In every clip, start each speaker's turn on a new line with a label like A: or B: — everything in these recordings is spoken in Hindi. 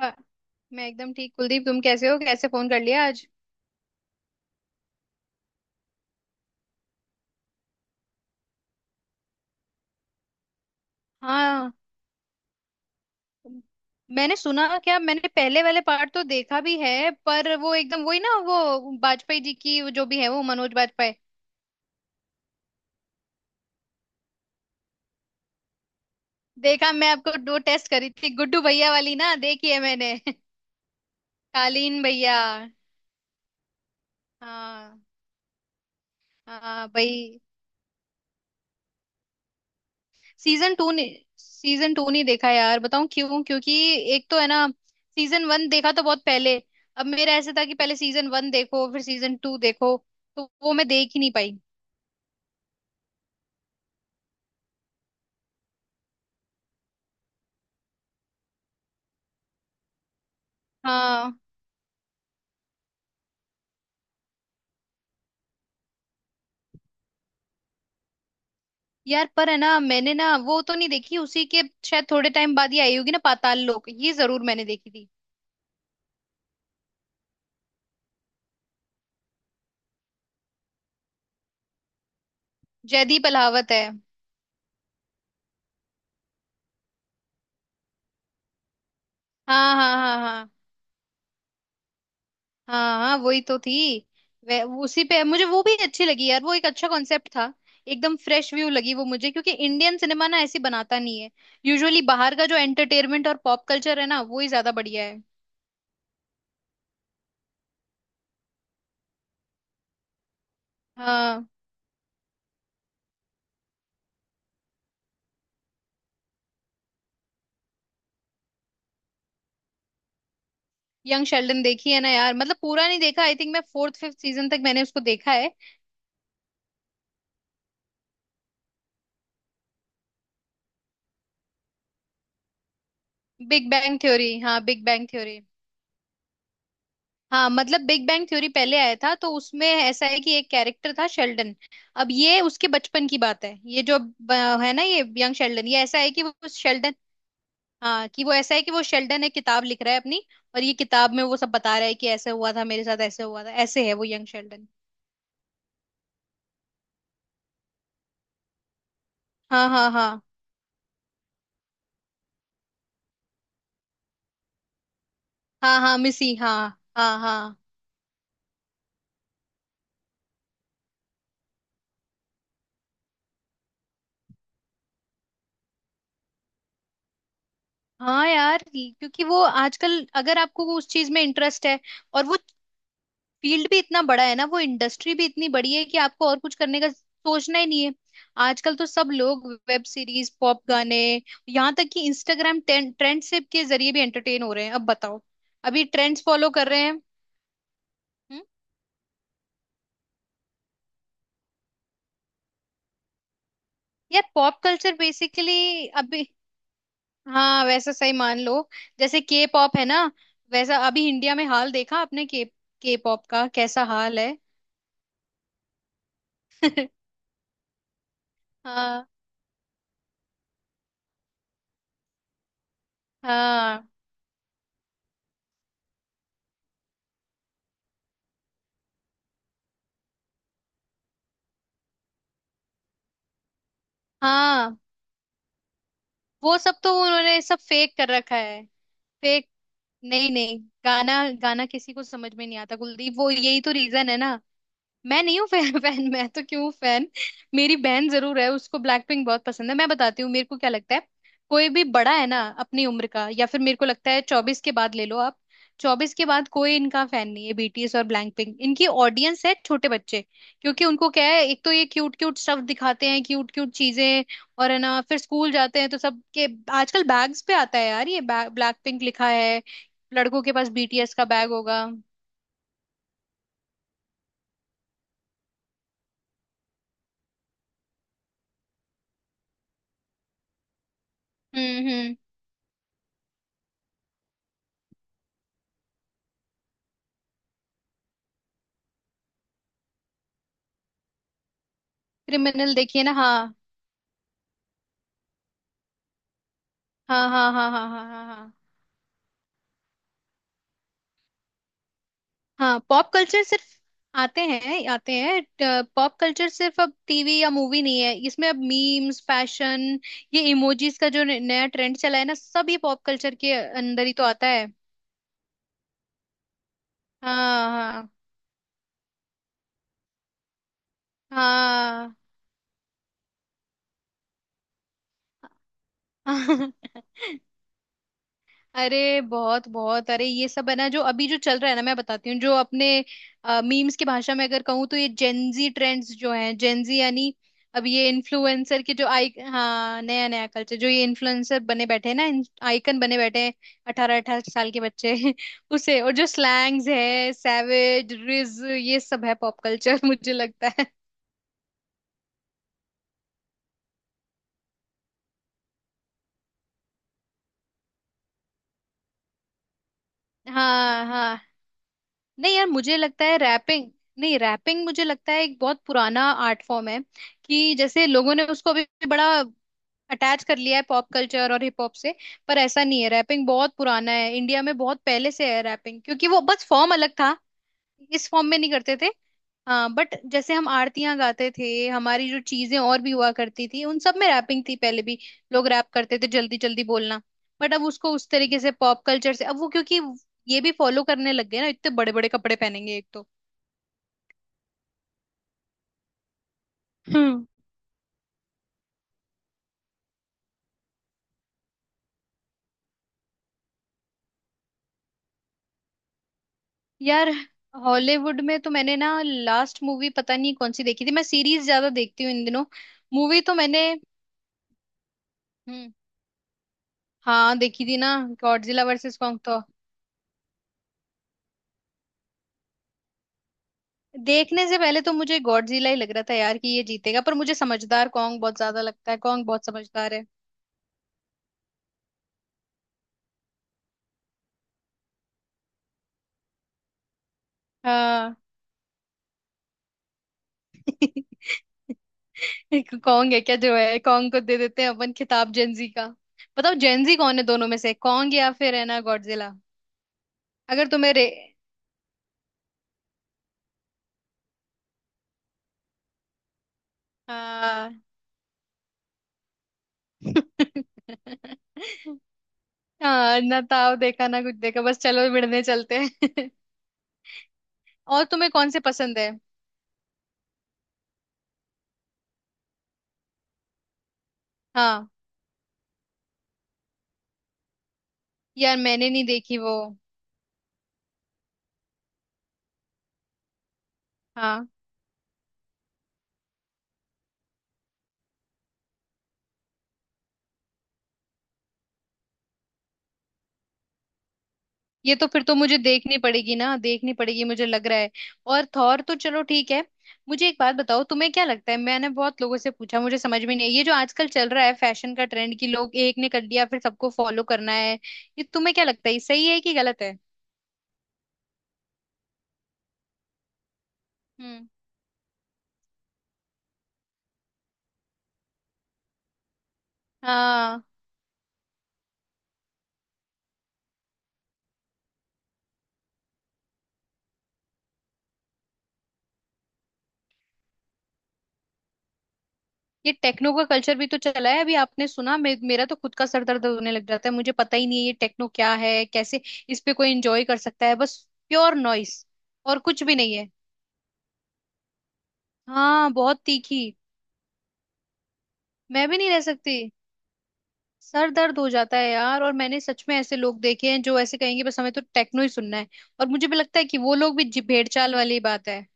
A: हाँ, मैं एकदम ठीक कुलदीप। तुम कैसे हो? कैसे फोन कर लिया आज? हाँ, मैंने सुना। क्या मैंने पहले वाले पार्ट तो देखा भी है पर वो एकदम वही ना, वो वाजपेयी जी की, वो जो भी है वो मनोज वाजपेयी। देखा, मैं आपको दो टेस्ट करी थी, गुड्डू भैया वाली ना? देखी है मैंने कालीन भैया। हाँ। हाँ भाई। सीजन टू ने सीजन टू नहीं देखा यार। बताऊं क्यों? क्योंकि एक तो है ना, सीजन वन देखा तो बहुत पहले। अब मेरा ऐसे था कि पहले सीजन वन देखो फिर सीजन टू देखो, तो वो मैं देख ही नहीं पाई। हाँ। यार पर है ना, मैंने ना वो तो नहीं देखी, उसी के शायद थोड़े टाइम बाद ही आई होगी ना पाताल लोक, ये जरूर मैंने देखी थी। जयदीप अहलावत है। हाँ हाँ हाँ हाँ। हाँ हाँ, वही तो थी। वह उसी पे मुझे वो भी अच्छी लगी यार। वो एक अच्छा कॉन्सेप्ट था। एकदम फ्रेश व्यू लगी वो मुझे, क्योंकि इंडियन सिनेमा ना ऐसी बनाता नहीं है। यूजुअली बाहर का जो एंटरटेनमेंट और पॉप कल्चर है ना, वो ही ज्यादा बढ़िया है। हाँ। यंग शेल्डन देखी है ना यार। मतलब पूरा नहीं देखा। आई थिंक मैं फोर्थ फिफ्थ सीजन तक मैंने उसको देखा है। Big Bang Theory. हाँ, बिग बैंग थ्योरी। हाँ, मतलब बिग बैंग थ्योरी पहले आया था तो उसमें ऐसा है कि एक कैरेक्टर था शेल्डन। अब ये उसके बचपन की बात है, ये जो है ना, ये यंग शेल्डन। ये ऐसा है कि वो शेल्डन। हाँ कि, वो ऐसा है कि वो शेल्डन है, किताब लिख रहा है अपनी। और ये किताब में वो सब बता रहा है कि ऐसे हुआ था मेरे साथ, ऐसे हुआ था, ऐसे है वो यंग शेल्डन। हाँ हाँ हाँ हाँ। हाँ मिसी, हाँ हाँ। हाँ हाँ। यार क्योंकि वो आजकल, अगर आपको वो उस चीज में इंटरेस्ट है, और वो फील्ड भी इतना बड़ा है ना, वो इंडस्ट्री भी इतनी बड़ी है कि आपको और कुछ करने का सोचना ही नहीं है। आजकल तो सब लोग वेब सीरीज, पॉप गाने, यहाँ तक कि इंस्टाग्राम ट्रेंड से के जरिए भी एंटरटेन हो रहे हैं। अब बताओ, अभी ट्रेंड्स फॉलो कर रहे हैं। हम्म? यार पॉप कल्चर बेसिकली अभी हाँ वैसा सही मान लो। जैसे के पॉप है ना, वैसा अभी इंडिया में हाल देखा आपने? के पॉप का कैसा हाल है। हाँ हाँ हाँ। वो सब तो उन्होंने सब फेक कर रखा है। फेक। नहीं नहीं। गाना। गाना किसी को समझ में नहीं आता कुलदीप, वो यही तो रीजन है ना। मैं नहीं हूँ फैन फैन मैं तो क्यों फैन? मेरी बहन जरूर है, उसको ब्लैक पिंक बहुत पसंद है। मैं बताती हूँ मेरे को क्या लगता है। कोई भी बड़ा है ना अपनी उम्र का, या फिर मेरे को लगता है 24 के बाद ले लो आप। 24 के बाद कोई इनका फैन नहीं है। बीटीएस और ब्लैक पिंक इनकी ऑडियंस है छोटे बच्चे। क्योंकि उनको क्या है, एक तो ये क्यूट क्यूट स्टफ दिखाते हैं, क्यूट क्यूट चीजें। और है ना, फिर स्कूल जाते हैं तो सब के आजकल बैग्स पे आता है यार ये ब्लैक पिंक लिखा है। लड़कों के पास बीटीएस का बैग होगा। हम्म। क्रिमिनल देखिए ना। हाँ हाँ हाँ हाँ हाँ हाँ हाँ। हाँ हाँ। पॉप कल्चर सिर्फ आते हैं, आते हैं। पॉप कल्चर सिर्फ अब टीवी या मूवी नहीं है, इसमें अब मीम्स, फैशन, ये इमोजीज का जो नया ट्रेंड चला है ना, सब ये पॉप कल्चर के अंदर ही तो आता है। हाँ हाँ हाँ। अरे बहुत बहुत, अरे ये सब है ना जो अभी जो चल रहा है ना, मैं बताती हूँ जो अपने मीम्स की भाषा में अगर कहूँ तो, ये जेनजी ट्रेंड्स जो हैं, जेनजी यानी अब ये इन्फ्लुएंसर के जो आई, हाँ, नया नया कल्चर। जो ये इन्फ्लुएंसर बने बैठे हैं ना, आइकन बने बैठे हैं। 18-18 साल के बच्चे उसे और जो स्लैंग्स है, सैवेज, रिज, ये सब है पॉप कल्चर मुझे लगता है। हाँ हाँ। नहीं यार, मुझे लगता है रैपिंग, नहीं रैपिंग मुझे लगता है एक बहुत पुराना आर्ट फॉर्म है। कि जैसे लोगों ने उसको अभी भी बड़ा अटैच कर लिया है पॉप कल्चर और हिप हॉप से, पर ऐसा नहीं है। रैपिंग बहुत पुराना है, इंडिया में बहुत पहले से है रैपिंग, क्योंकि वो बस फॉर्म अलग था, इस फॉर्म में नहीं करते थे। हाँ बट जैसे हम आरतियां गाते थे, हमारी जो चीजें और भी हुआ करती थी, उन सब में रैपिंग थी पहले भी। लोग रैप करते थे, जल्दी जल्दी बोलना। बट अब उसको उस तरीके से पॉप कल्चर से, अब वो क्योंकि ये भी फॉलो करने लग गए ना, इतने बड़े बड़े कपड़े पहनेंगे एक तो। हम्म। यार हॉलीवुड में तो मैंने ना लास्ट मूवी पता नहीं कौन सी देखी थी, मैं सीरीज ज्यादा देखती हूँ इन दिनों। मूवी तो मैंने हम्म हाँ देखी थी ना। Godzilla versus Kong. देखने से पहले तो मुझे गॉडजिला ही लग रहा था यार कि ये जीतेगा, पर मुझे समझदार कॉन्ग बहुत ज्यादा लगता है, कॉन्ग बहुत समझदार है। हाँ एक कॉन्ग है क्या जो है, कॉन्ग को दे देते हैं अपन खिताब जेंजी का। बताओ जेंजी कौन है दोनों में से, कॉन्ग या फिर है ना गॉडजिला? अगर तुम्हें रे हाँ हाँ ना, ताव देखा ना कुछ देखा, बस चलो मिलने चलते हैं। और तुम्हें कौन से पसंद है? हाँ यार मैंने नहीं देखी वो। हाँ। ये तो फिर तो मुझे देखनी पड़ेगी ना, देखनी पड़ेगी मुझे लग रहा है। और थॉर तो चलो ठीक है। मुझे एक बात बताओ, तुम्हें क्या लगता है? मैंने बहुत लोगों से पूछा, मुझे समझ में नहीं है ये जो आजकल चल रहा है फैशन का ट्रेंड, कि लोग एक ने कर लिया फिर सबको फॉलो करना है। ये तुम्हें क्या लगता है, ये सही है कि गलत है? हम्म। हाँ। ये टेक्नो का कल्चर भी तो चला है, अभी आपने सुना, मेरा तो खुद का सर दर्द होने लग जाता है, मुझे पता ही नहीं है ये टेक्नो क्या है, कैसे इस पे कोई एंजॉय कर सकता है। बस प्योर नॉइस और कुछ भी नहीं है। हाँ बहुत तीखी। मैं भी नहीं रह सकती, सर दर्द हो जाता है यार। और मैंने सच में ऐसे लोग देखे हैं जो ऐसे कहेंगे, बस हमें तो टेक्नो ही सुनना है। और मुझे भी लगता है कि वो लोग भी भेड़चाल वाली ही बात है।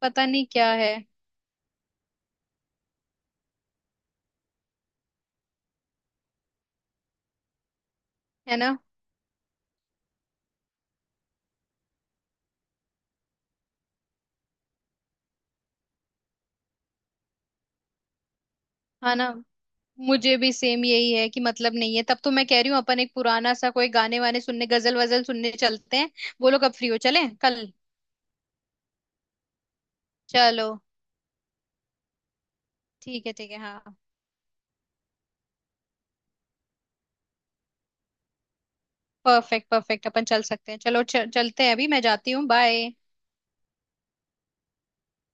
A: पता नहीं क्या है। है ना। हाँ ना। मुझे भी सेम यही है कि मतलब नहीं है, तब तो मैं कह रही हूँ अपन एक पुराना सा कोई गाने वाने सुनने, गजल वजल सुनने चलते हैं। बोलो कब फ्री हो, चले कल? चलो ठीक है, ठीक है। हाँ परफेक्ट परफेक्ट, अपन चल सकते हैं। चलो चलते हैं अभी, मैं जाती हूँ, बाय।